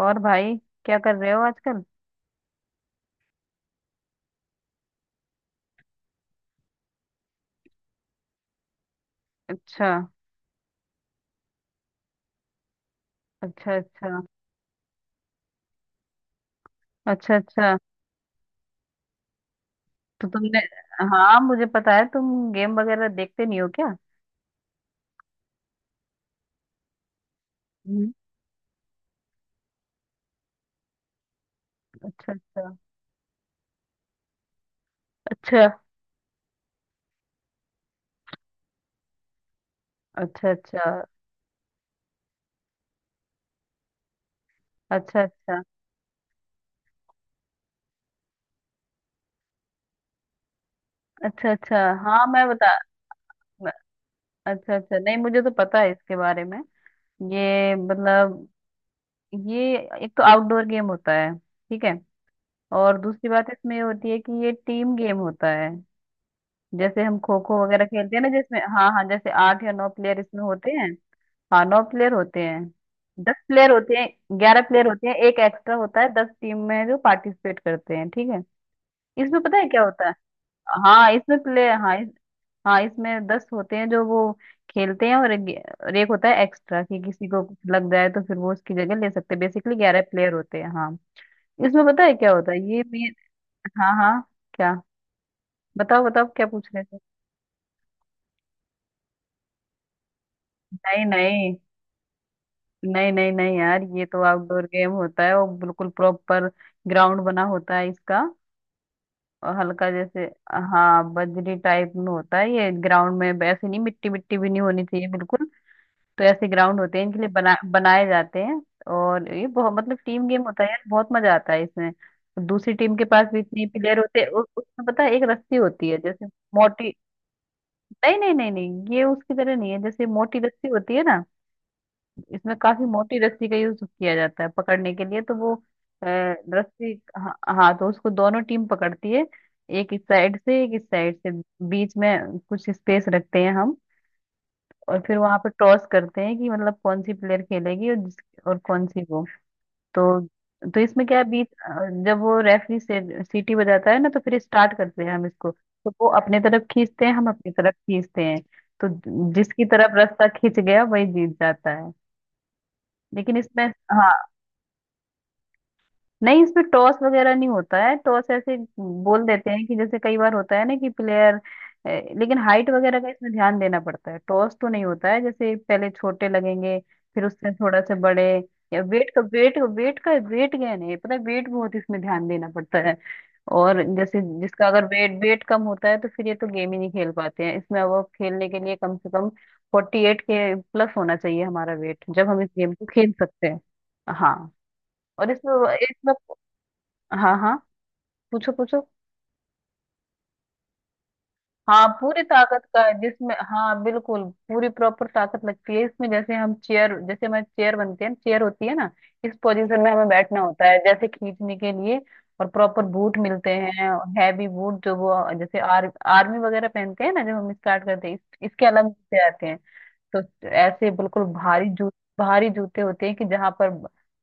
और भाई, क्या कर रहे हो आजकल। अच्छा। अच्छा अच्छा। अच्छा। अच्छा। तो तुमने हाँ, मुझे पता है, तुम गेम वगैरह देखते नहीं हो क्या। हम्म। अच्छा अच्छा अच्छा। अच्छा। अच्छा अच्छा। अच्छा अच्छा। अच्छा। हाँ मैं बता मैं- अच्छा अच्छा, नहीं मुझे तो पता है इसके बारे में। ये मतलब ये एक तो आउटडोर गेम होता है, ठीक है। और दूसरी बात इसमें ये होती है कि ये टीम गेम होता है। जैसे हम खो खो वगैरह खेलते हैं ना जिसमें, हाँ हाँ, जैसे आठ या नौ प्लेयर इसमें होते हैं। हाँ नौ प्लेयर होते हैं, 10 प्लेयर होते हैं, 11 प्लेयर होते हैं, एक एक्स्ट्रा होता है, 10 टीम में जो पार्टिसिपेट करते हैं, ठीक है। इसमें पता है क्या होता है। हाँ इसमें प्लेयर हाँ इस, हाँ इसमें 10 होते हैं जो वो खेलते हैं, और एक होता है एक्स्ट्रा कि किसी को कुछ लग जाए तो फिर वो उसकी जगह ले सकते हैं। बेसिकली 11 प्लेयर होते हैं, हाँ। इसमें पता है क्या होता है, ये मेन। हाँ हाँ। क्या। बताओ बताओ, क्या पूछ रहे थे। नहीं नहीं, नहीं नहीं नहीं यार ये तो आउटडोर गेम होता है और बिल्कुल प्रॉपर ग्राउंड बना होता है इसका। और हल्का जैसे, हाँ, बजरी टाइप में होता है ये ग्राउंड में, ऐसे नहीं, मिट्टी मिट्टी भी नहीं होनी चाहिए बिल्कुल। तो ऐसे ग्राउंड होते हैं, इनके लिए बना बनाए जाते हैं। और ये बहुत मतलब टीम गेम होता है यार, बहुत मजा आता है इसमें। दूसरी टीम के पास भी इतने प्लेयर होते हैं। उसमें पता है, एक रस्सी होती है जैसे मोटी। नहीं नहीं, ये उसकी तरह नहीं है। जैसे मोटी रस्सी होती है ना, इसमें काफी मोटी रस्सी का यूज किया जाता है पकड़ने के लिए, तो वो अ, रस्सी, हाँ हाँ, तो उसको दोनों टीम पकड़ती है, एक इस साइड से, एक इस साइड से। बीच में कुछ स्पेस रखते हैं हम, और फिर वहां पर टॉस करते हैं कि मतलब कौन सी प्लेयर खेलेगी, और जिस, और कौन सी वो। तो तो इसमें क्या है, बीच जब वो रेफरी से सीटी बजाता है ना तो फिर स्टार्ट करते हैं हम इसको। तो वो अपने तरफ खींचते हैं, हम अपनी तरफ खींचते हैं। तो जिसकी तरफ रास्ता खींच गया वही जीत जाता है। लेकिन इसमें, हाँ, नहीं इसमें टॉस वगैरह नहीं होता है। टॉस ऐसे बोल देते हैं कि, जैसे कई बार होता है ना कि प्लेयर, लेकिन हाइट वगैरह का इसमें ध्यान देना पड़ता है। टॉस तो नहीं होता है। जैसे पहले छोटे लगेंगे, फिर उससे थोड़ा से बड़े, या वेट का, वेट वेट का वेट गेन है, पता है वेट बहुत इसमें ध्यान देना पड़ता है। और जैसे जिसका अगर वेट वेट कम होता है तो फिर ये तो गेम ही नहीं खेल पाते हैं इसमें। अब खेलने के लिए कम से कम 48 के प्लस होना चाहिए हमारा वेट, जब हम इस गेम को खेल सकते हैं, हाँ। और इसमें इसमें, हाँ हाँ, पूछो पूछो। हाँ पूरी ताकत का है जिसमें, हाँ बिल्कुल। पूरी प्रॉपर ताकत लगती है इसमें। जैसे हम चेयर, जैसे हमारी चेयर बनती है, चेयर होती है ना, इस पोजीशन में हमें बैठना होता है जैसे खींचने के लिए। और प्रॉपर बूट मिलते हैं, हैवी बूट। जो वो जैसे आर्मी वगैरह पहनते हैं ना, जब हम स्टार्ट करते हैं इसके अलग जूते आते हैं। तो ऐसे बिल्कुल भारी जूते होते हैं कि जहां पर।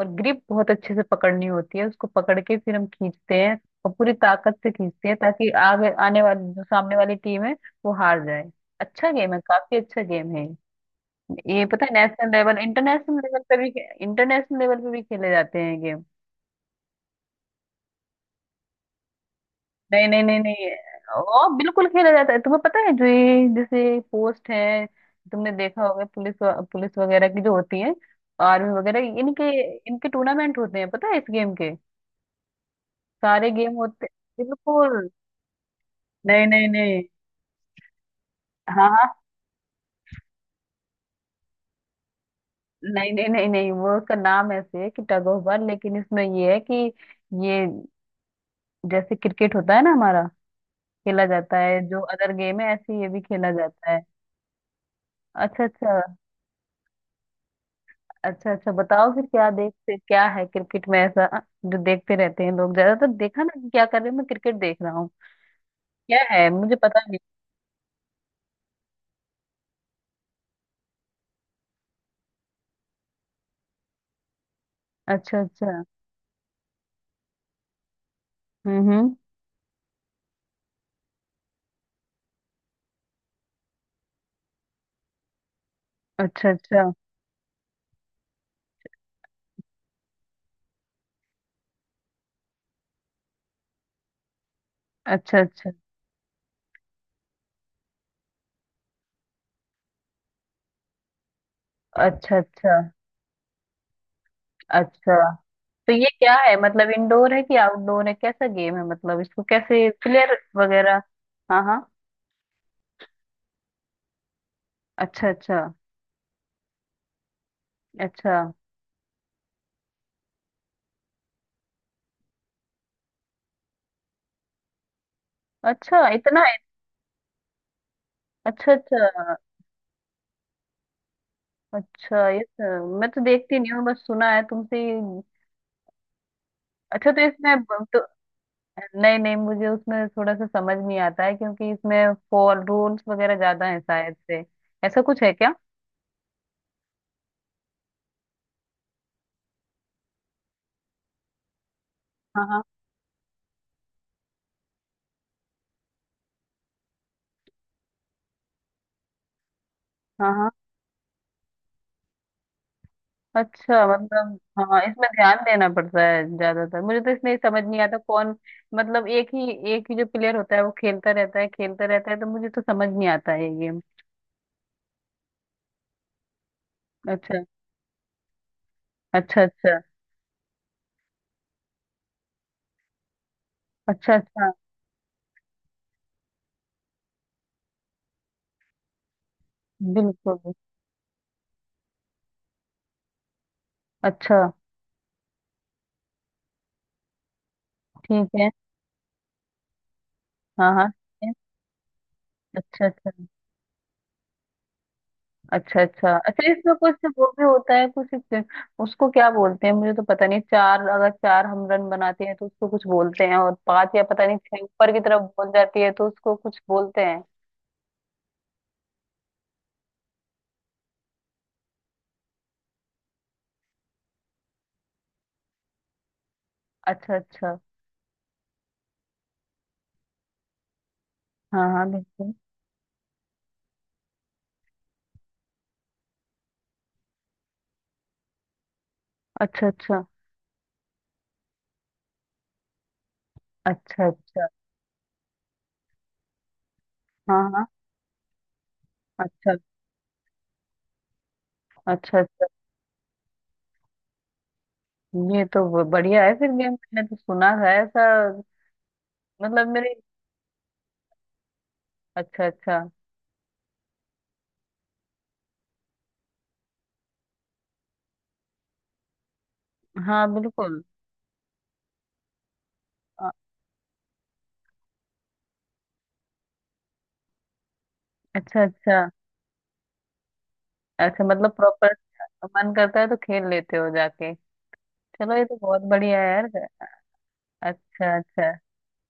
और ग्रिप बहुत अच्छे से पकड़नी होती है, उसको पकड़ के फिर हम खींचते हैं, और पूरी ताकत से खींचते हैं, ताकि आगे आने वाली जो सामने वाली टीम है वो हार जाए। अच्छा गेम है, काफी अच्छा गेम है। ये पता है नेशनल लेवल, इंटरनेशनल लेवल पे भी, इंटरनेशनल लेवल पे भी खेले जाते हैं ये गेम। नहीं नहीं, ओ बिल्कुल खेला जाता है। तुम्हें पता है जो ये जैसे पोस्ट है, तुमने देखा होगा पुलिस पुलिस वगैरह की जो होती है, आर्मी वगैरह, इनके इनके टूर्नामेंट होते हैं, पता है इस गेम के। सारे गेम होते। बिल्कुल। नहीं नहीं नहीं। हाँ हाँ। नहीं नहीं, वो उसका नाम ऐसे है कि टग ऑफ वार, लेकिन इसमें ये है कि ये, जैसे क्रिकेट होता है ना हमारा, खेला जाता है जो अदर गेम है, ऐसे ही ये भी खेला जाता है। अच्छा अच्छा। अच्छा अच्छा, बताओ फिर, क्या देखते क्या है क्रिकेट में ऐसा जो देखते रहते हैं लोग। ज्यादातर देखा ना कि क्या कर रहे हैं, मैं क्रिकेट देख रहा हूँ, क्या है मुझे पता नहीं। अच्छा अच्छा। हम्म। अच्छा अच्छा। अच्छा अच्छा। अच्छा अच्छा। अच्छा। तो ये क्या है मतलब, इंडोर है कि आउटडोर है, कैसा गेम है, मतलब इसको कैसे प्लेयर वगैरह। हाँ हाँ। अच्छा अच्छा। अच्छा। अच्छा इतना है। अच्छा अच्छा। अच्छा मैं तो देखती नहीं हूँ, बस सुना है तुमसे ही। अच्छा तो इसमें, तो नहीं नहीं, मुझे उसमें थोड़ा सा समझ नहीं आता है क्योंकि इसमें फॉर रूल्स वगैरह ज्यादा है शायद से। ऐसा कुछ है क्या। हाँ हाँ। हाँ हाँ। अच्छा मतलब, हाँ इसमें ध्यान देना पड़ता है ज्यादातर। मुझे तो इसमें समझ नहीं आता कौन, मतलब एक ही जो प्लेयर होता है वो खेलता रहता है, खेलता रहता है, तो मुझे तो समझ नहीं आता है ये गेम। अच्छा। अच्छा अच्छा। अच्छा अच्छा। बिल्कुल। अच्छा। ठीक है। हाँ हाँ ठीक है। अच्छा अच्छा। अच्छा अच्छा। अच्छा, इसमें कुछ वो भी होता है। कुछ उसको क्या बोलते हैं मुझे तो पता नहीं। चार, अगर चार हम रन बनाते हैं तो उसको कुछ बोलते हैं, और पांच या पता नहीं छह ऊपर की तरफ बोल जाती है तो उसको कुछ बोलते हैं। अच्छा अच्छा। हाँ हाँ बिल्कुल। अच्छा अच्छा। अच्छा अच्छा। हाँ हाँ। अच्छा अच्छा। अच्छा ये तो, बढ़िया है फिर गेम, मैंने तो सुना था ऐसा। मतलब मेरे। अच्छा अच्छा। हाँ बिल्कुल। अ- अच्छा अच्छा। अच्छा मतलब प्रॉपर, मन करता है तो खेल लेते हो जाके। चलो ये तो बहुत बढ़िया है यार। अच्छा अच्छा।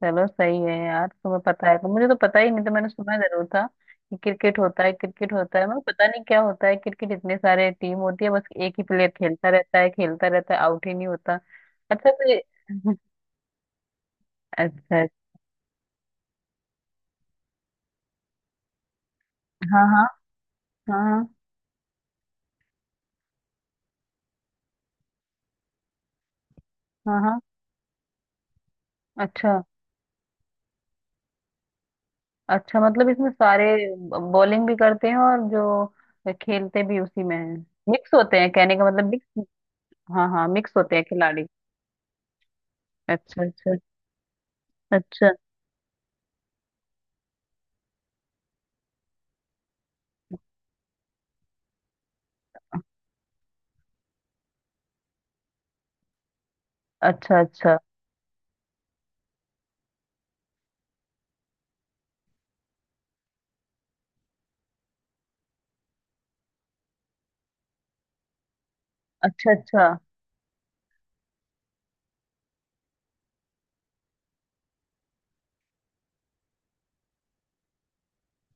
चलो सही है यार, तुम्हें पता है, तो मुझे तो पता ही नहीं था, मैंने सुना जरूर था कि क्रिकेट होता है, क्रिकेट होता है, मैं पता नहीं क्या होता है क्रिकेट। इतने सारे टीम होती है, बस एक ही प्लेयर खेलता रहता है, खेलता रहता है, आउट ही नहीं होता। अच्छा तो ये, अच्छा अच्छा। हाँ हाँ। हाँ हाँ। हाँ हाँ। अच्छा अच्छा, मतलब इसमें सारे बॉलिंग भी करते हैं और जो खेलते भी उसी में है, मिक्स होते हैं, कहने का मतलब मिक्स, हाँ हाँ मिक्स होते हैं खिलाड़ी। अच्छा अच्छा। अच्छा। अच्छा अच्छा। अच्छा अच्छा।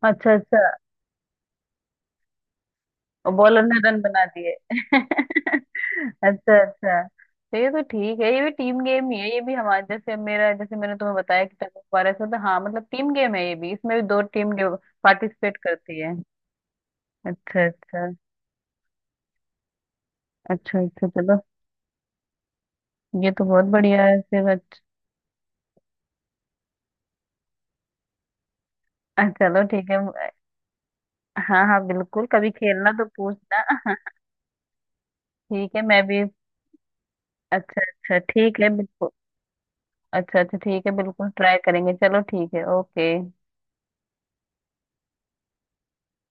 अच्छा। अच्छा बॉलर ने रन बना दिए। अच्छा अच्छा। तो ये तो ठीक है, ये भी टीम गेम ही है। ये भी हमारे जैसे, मेरा जैसे मैंने तुम्हें बताया कि टग ऑफ वार ऐसा होता है, हाँ मतलब टीम गेम है ये भी, इसमें भी दो टीम पार्टिसिपेट करती है। अच्छा अच्छा। अच्छा अच्छा, चलो ये तो बहुत बढ़िया है फिर। अच्छा। चलो ठीक है। हाँ हाँ बिल्कुल, कभी खेलना तो पूछना। ठीक है, मैं भी। अच्छा अच्छा ठीक है बिल्कुल। अच्छा अच्छा ठीक है, बिल्कुल ट्राई करेंगे। चलो ठीक है, ओके।